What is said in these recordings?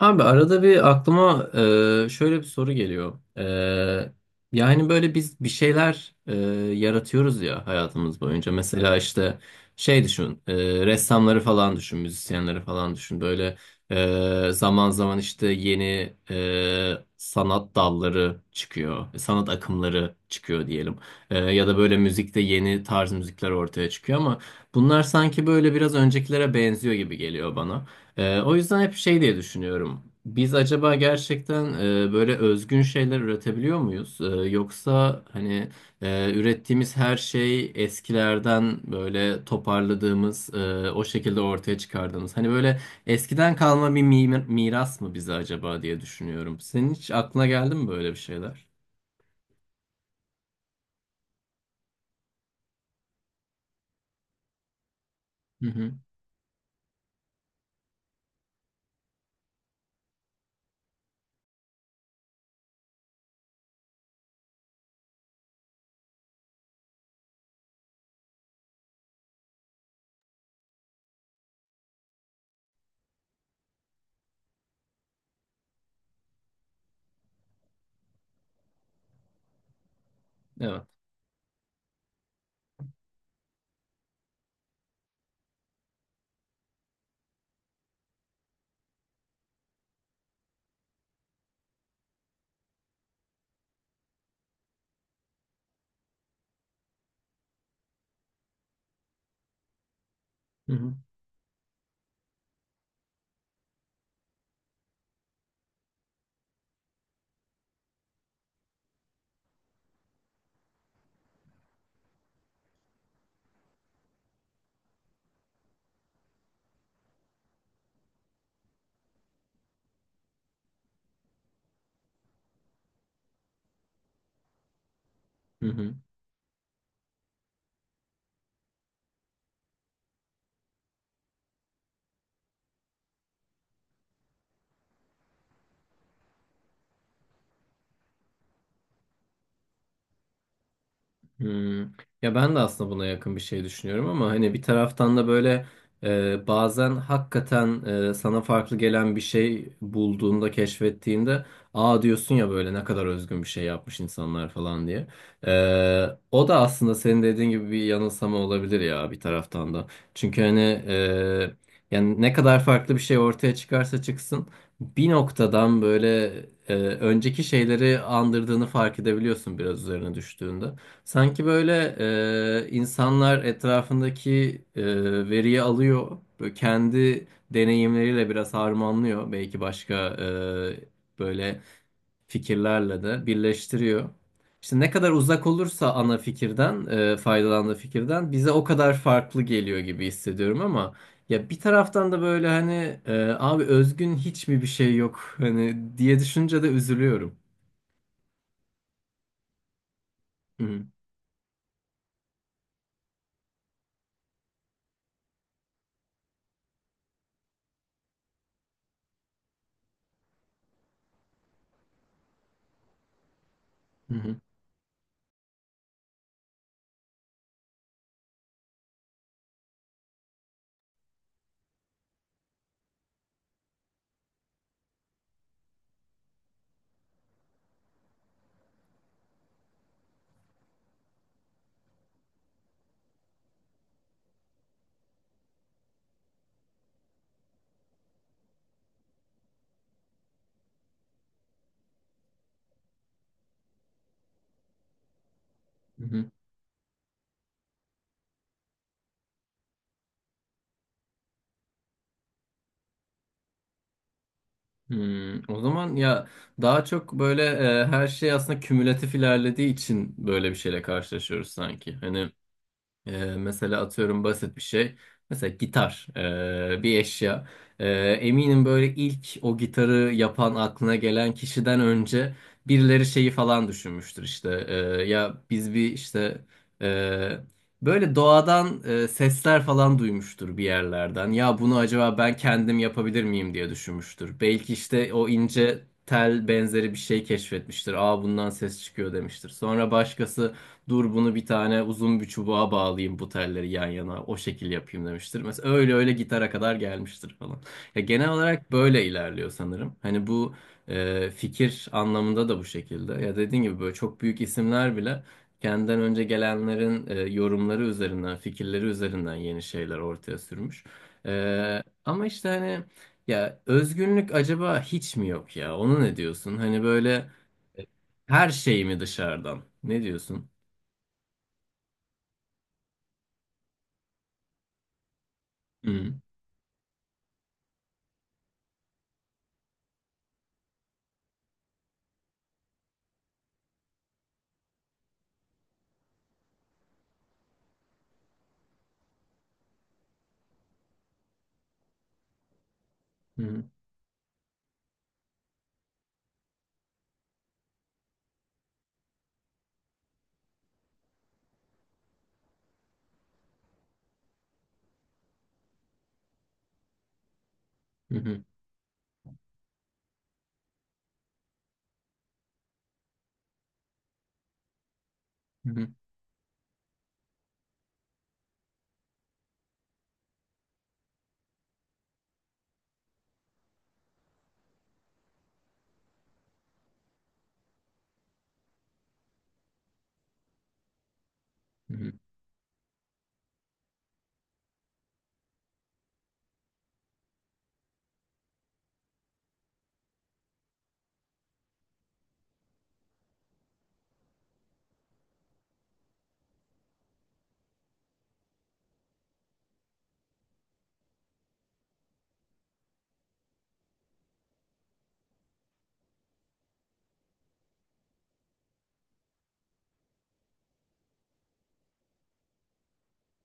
Abi arada bir aklıma şöyle bir soru geliyor. Yani böyle biz bir şeyler yaratıyoruz ya hayatımız boyunca. Mesela işte şey düşün, ressamları falan düşün, müzisyenleri falan düşün. Böyle zaman zaman işte yeni sanat dalları çıkıyor, sanat akımları çıkıyor diyelim. Ya da böyle müzikte yeni tarz müzikler ortaya çıkıyor ama bunlar sanki böyle biraz öncekilere benziyor gibi geliyor bana. O yüzden hep şey diye düşünüyorum. Biz acaba gerçekten böyle özgün şeyler üretebiliyor muyuz? Yoksa hani ürettiğimiz her şey eskilerden böyle toparladığımız, o şekilde ortaya çıkardığımız. Hani böyle eskiden kalma bir miras mı bize acaba diye düşünüyorum. Senin hiç aklına geldi mi böyle bir şeyler? Hı hı. Evet. Hı hı. Hı hı. Hmm. Ya ben de aslında buna yakın bir şey düşünüyorum ama hani bir taraftan da böyle bazen hakikaten sana farklı gelen bir şey bulduğunda, keşfettiğinde aa diyorsun ya böyle ne kadar özgün bir şey yapmış insanlar falan diye. E, O da aslında senin dediğin gibi bir yanılsama olabilir ya bir taraftan da. Çünkü hani e, yani ne kadar farklı bir şey ortaya çıkarsa çıksın bir noktadan böyle önceki şeyleri andırdığını fark edebiliyorsun biraz üzerine düştüğünde. Sanki böyle insanlar etrafındaki veriyi alıyor, böyle kendi deneyimleriyle biraz harmanlıyor, belki başka böyle fikirlerle de birleştiriyor. İşte ne kadar uzak olursa ana fikirden, faydalandığı fikirden bize o kadar farklı geliyor gibi hissediyorum ama ya bir taraftan da böyle hani abi özgün hiç mi bir şey yok hani diye düşünce de üzülüyorum. Hı hı. Hı hı. Hmm, o zaman ya daha çok böyle her şey aslında kümülatif ilerlediği için böyle bir şeyle karşılaşıyoruz sanki. Hani ee, mesela atıyorum basit bir şey. Mesela gitar, bir eşya. Ee, Eminim böyle ilk o gitarı yapan aklına gelen kişiden önce birileri şeyi falan düşünmüştür işte. Ya biz bir işte ee, böyle doğadan sesler falan duymuştur bir yerlerden. Ya bunu acaba ben kendim yapabilir miyim diye düşünmüştür. Belki işte o ince tel benzeri bir şey keşfetmiştir. Aa bundan ses çıkıyor demiştir. Sonra başkası dur bunu bir tane uzun bir çubuğa bağlayayım bu telleri yan yana o şekil yapayım demiştir. Mesela öyle öyle gitara kadar gelmiştir falan. Ya genel olarak böyle ilerliyor sanırım. Hani bu fikir anlamında da bu şekilde. Ya dediğin gibi böyle çok büyük isimler bile kendinden önce gelenlerin yorumları üzerinden, fikirleri üzerinden yeni şeyler ortaya sürmüş. Ama işte hani ya özgünlük acaba hiç mi yok ya? Onu ne diyorsun? Hani böyle e, her şey mi dışarıdan? Ne diyorsun? Hı hı, hı hı, hı hı,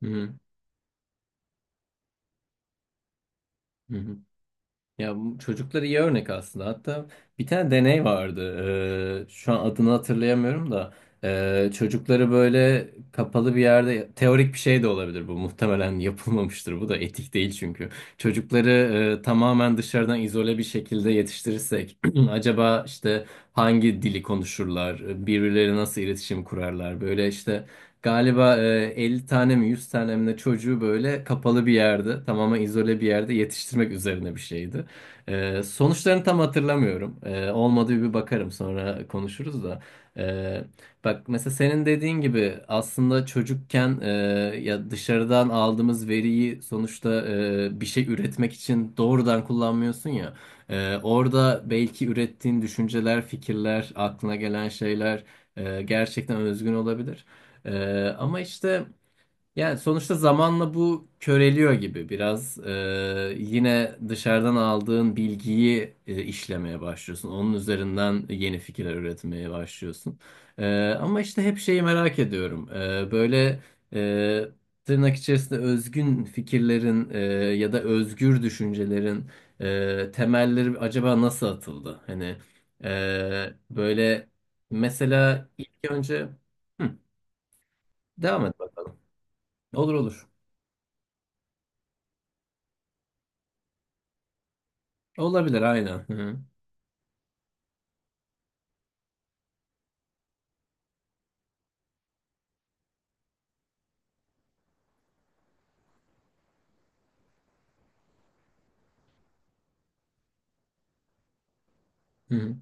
hı hı, hı. Ya bu çocuklara iyi örnek aslında. Hatta bir tane deney vardı. Şu an adını hatırlayamıyorum da çocukları böyle kapalı bir yerde teorik bir şey de olabilir bu. Muhtemelen yapılmamıştır. Bu da etik değil çünkü. Çocukları tamamen dışarıdan izole bir şekilde yetiştirirsek acaba işte hangi dili konuşurlar? Birbirleri nasıl iletişim kurarlar? Böyle işte galiba 50 tane mi 100 tane mi ne çocuğu böyle kapalı bir yerde tamamen izole bir yerde yetiştirmek üzerine bir şeydi. Sonuçlarını tam hatırlamıyorum. Olmadı bir bakarım sonra konuşuruz da. Ee, Bak mesela senin dediğin gibi aslında çocukken, ya dışarıdan aldığımız veriyi sonuçta bir şey üretmek için doğrudan kullanmıyorsun ya. Orada belki ürettiğin düşünceler, fikirler, aklına gelen şeyler gerçekten özgün olabilir. Ama işte. Yani sonuçta zamanla bu köreliyor gibi biraz. Yine dışarıdan aldığın bilgiyi işlemeye başlıyorsun. Onun üzerinden yeni fikirler üretmeye başlıyorsun. Ama işte hep şeyi merak ediyorum. E, tırnak içerisinde özgün fikirlerin, ya da özgür düşüncelerin, temelleri acaba nasıl atıldı? Hani böyle mesela ilk önce. Hı, devam et bakalım. Olur olur. Olabilir aynen. Hı hı, hı hı,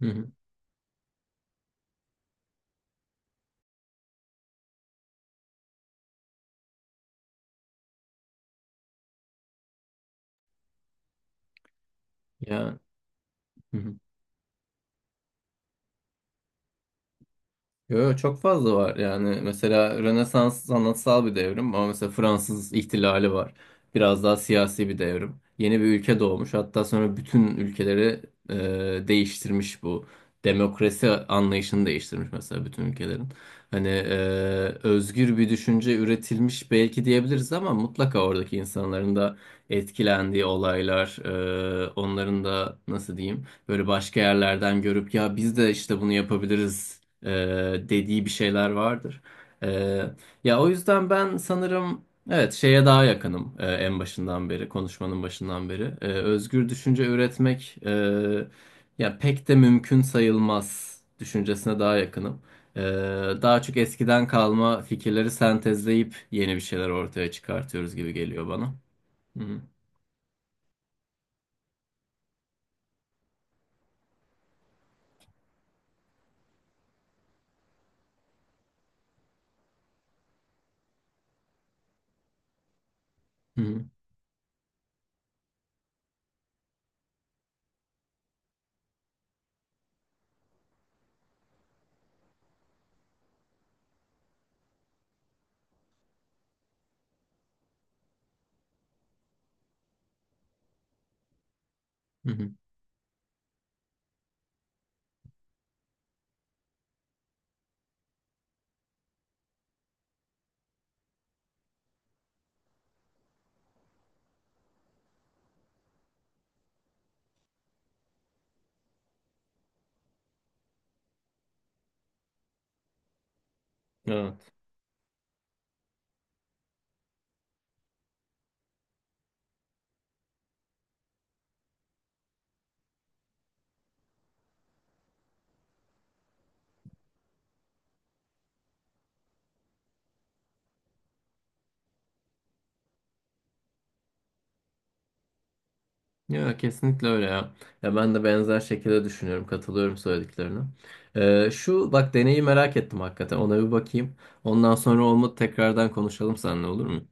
hı hı. Ya. Hı hı. Yo, yo, çok fazla var yani mesela Rönesans sanatsal bir devrim ama mesela Fransız ihtilali var. Biraz daha siyasi bir devrim. Yeni bir ülke doğmuş hatta sonra bütün ülkeleri değiştirmiş bu. Demokrasi anlayışını değiştirmiş mesela bütün ülkelerin. Hani özgür bir düşünce üretilmiş belki diyebiliriz ama mutlaka oradaki insanların da etkilendiği olaylar, onların da nasıl diyeyim böyle başka yerlerden görüp ya biz de işte bunu yapabiliriz e, dediği bir şeyler vardır. E, Ya o yüzden ben sanırım evet şeye daha yakınım, en başından beri konuşmanın başından beri. Özgür düşünce üretmek ya pek de mümkün sayılmaz düşüncesine daha yakınım. E, Daha çok eskiden kalma fikirleri sentezleyip yeni bir şeyler ortaya çıkartıyoruz gibi geliyor bana. Hı hı, hı hı, hı hı. Ya kesinlikle öyle ya. Ya ben de benzer şekilde düşünüyorum. Katılıyorum söylediklerine. Şu bak deneyi merak ettim hakikaten. Ona bir bakayım. Ondan sonra olmadı tekrardan konuşalım seninle olur mu?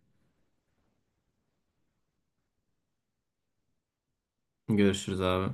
Görüşürüz abi.